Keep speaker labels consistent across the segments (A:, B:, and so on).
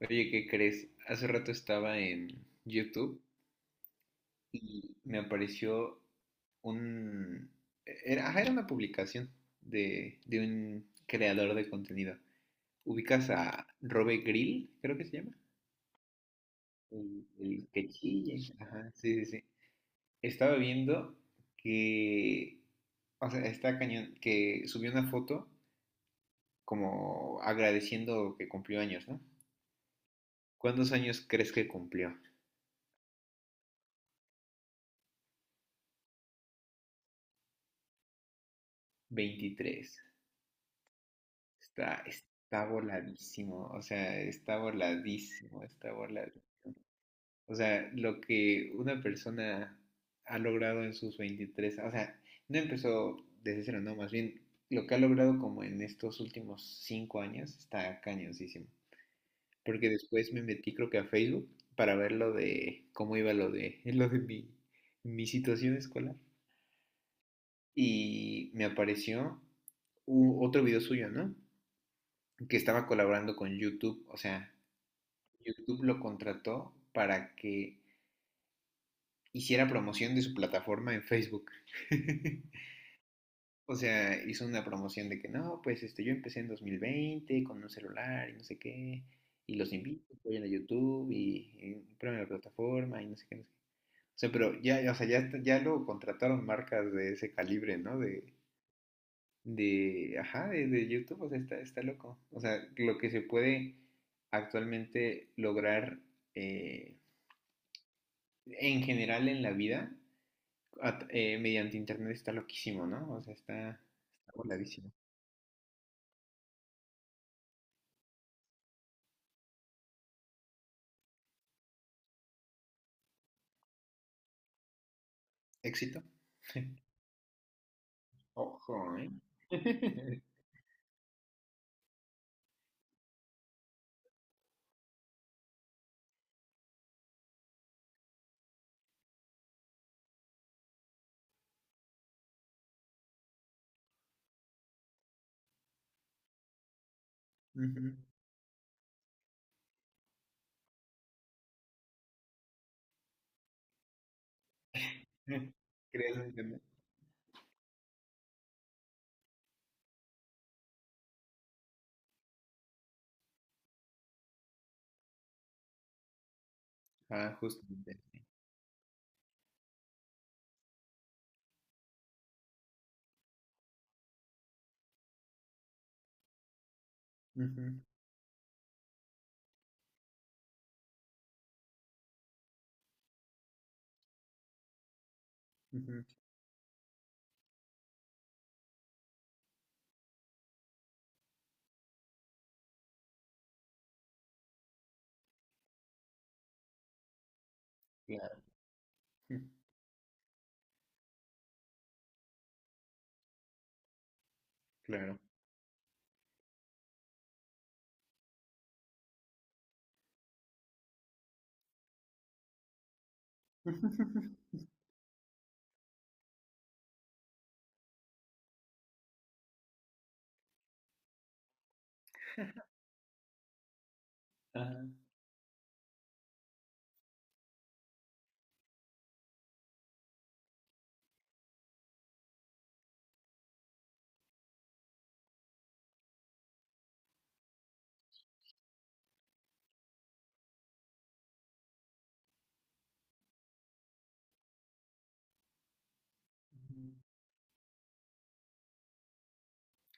A: Oye, ¿qué crees? Hace rato estaba en YouTube y me apareció un... Era, ajá, era una publicación de un creador de contenido. ¿Ubicas a Robe Grill, creo que se llama? El que chille. Ajá, sí, sí, sí. Estaba viendo que... O sea, está cañón, que subió una foto como agradeciendo que cumplió años, ¿no? ¿Cuántos años crees que cumplió? 23. Está voladísimo, o sea, está voladísimo, está voladísimo. O sea, lo que una persona ha logrado en sus 23, o sea, no empezó desde cero, no, más bien lo que ha logrado como en estos últimos 5 años está cañoncísimo. Porque después me metí creo que a Facebook para ver lo de cómo iba lo de lo de mi situación escolar. Y me apareció otro video suyo, ¿no? Que estaba colaborando con YouTube, o sea, YouTube lo contrató para que hiciera promoción de su plataforma en Facebook. O sea, hizo una promoción de que no, pues este, yo empecé en 2020 con un celular y no sé qué, y los invito, vayan a YouTube y prueben la plataforma y no sé qué, no sé qué. O sea, pero ya, ya, o sea, ya, ya lo contrataron marcas de ese calibre, ¿no? De, ajá, de YouTube, o sea, está loco. O sea, lo que se puede actualmente lograr eh, en general en la vida, mediante internet está loquísimo, ¿no? O sea, está, está voladísimo. Éxito. Ojo, ¿eh? Ujú. ¿Crees entender? Ah, justamente, sí. Ujú, ujú, claro, ujú, claro. Ah,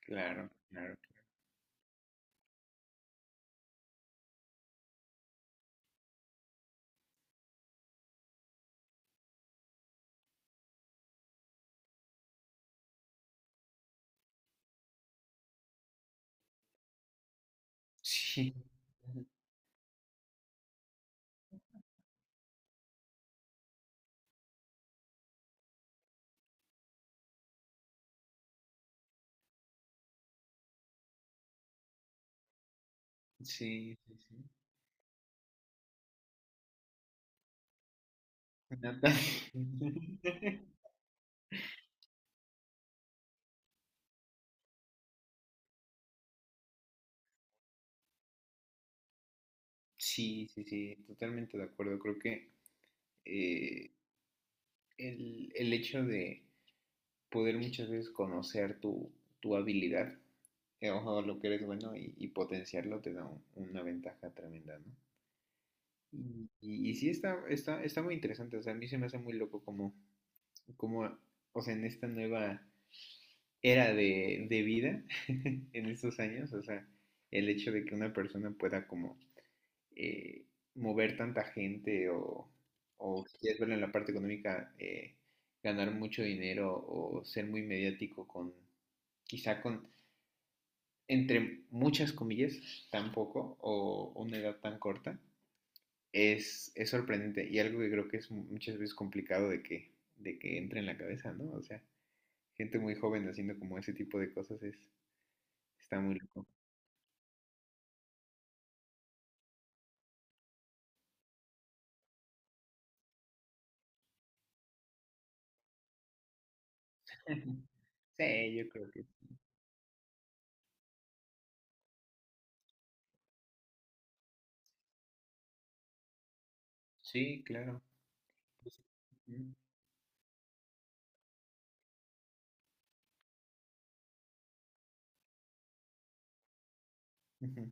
A: claro, claro. Sí, sí, sí, sí. Nata- Sí, sí, sí, totalmente de acuerdo. Creo que eh, el hecho de poder muchas veces conocer tu habilidad, o lo que eres bueno y potenciarlo te da una ventaja tremenda, ¿no? Y sí está, está, está muy interesante, o sea, a mí se me hace muy loco como, como, o sea, en esta nueva era de vida, en estos años, o sea, el hecho de que una persona pueda como eh, mover tanta gente o si quieres verlo en la parte económica, ganar mucho dinero o ser muy mediático con, quizá con, entre muchas comillas, tan poco o una edad tan corta, es sorprendente y algo que creo que es muchas veces complicado de que entre en la cabeza, ¿no? O sea, gente muy joven haciendo como ese tipo de cosas es, está muy loco. Ujú. Sí, yo creo que sí, claro. Pues, ujú, ujú,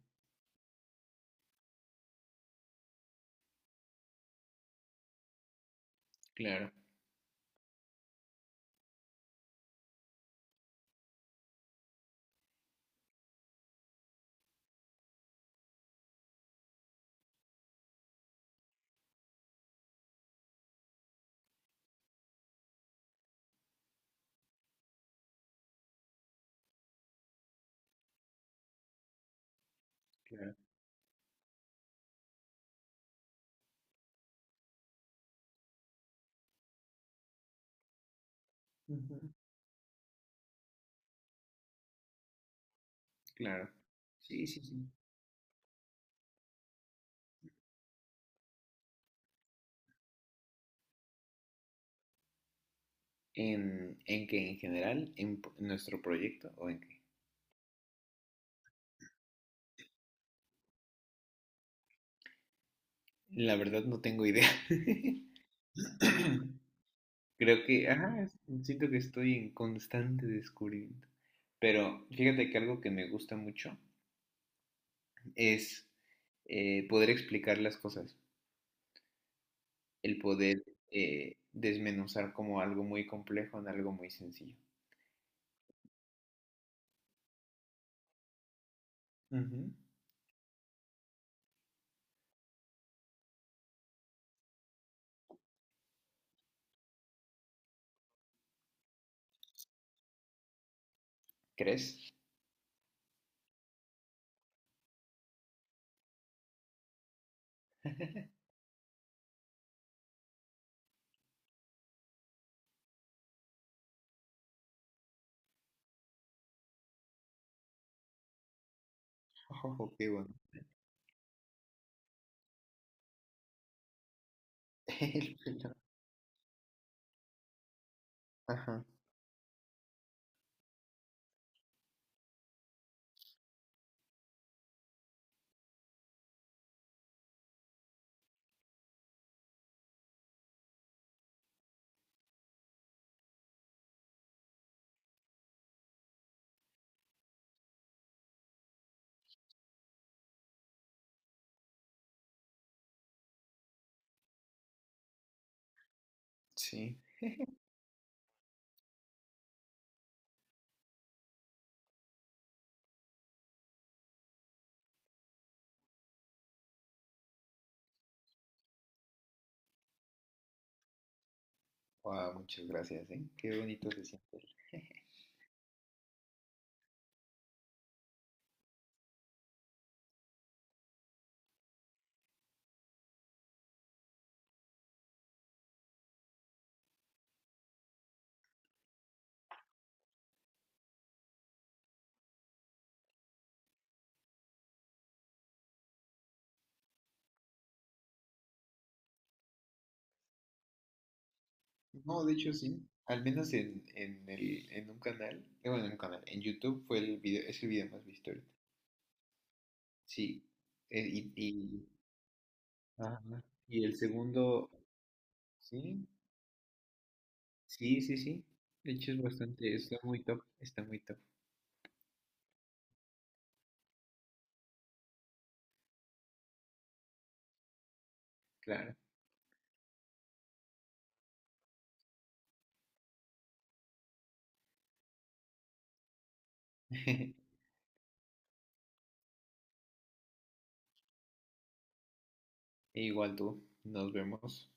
A: claro, claro, ujú, claro. Sí, sí, sí. En que ¿En general? ¿En nuestro proyecto o en qué? La verdad no tengo idea. Creo que, ajá, siento que estoy en constante descubrimiento. Pero fíjate que algo que me gusta mucho es poder explicar las cosas, el poder desmenuzar como algo muy complejo en algo muy sencillo. Ujú. ¿Crees? Oh, qué bueno. El pelo. Ajá, sí. Wow, muchas gracias, ¿eh? Qué bonito se siente. No, de hecho sí. Al menos en, el, en un canal, bueno, en un canal, en YouTube fue el video, es el video más visto. Sí, y, ajá, y el segundo, sí, sí, sí, sí. De hecho es bastante, está muy top, claro. Igual tú, nos vemos.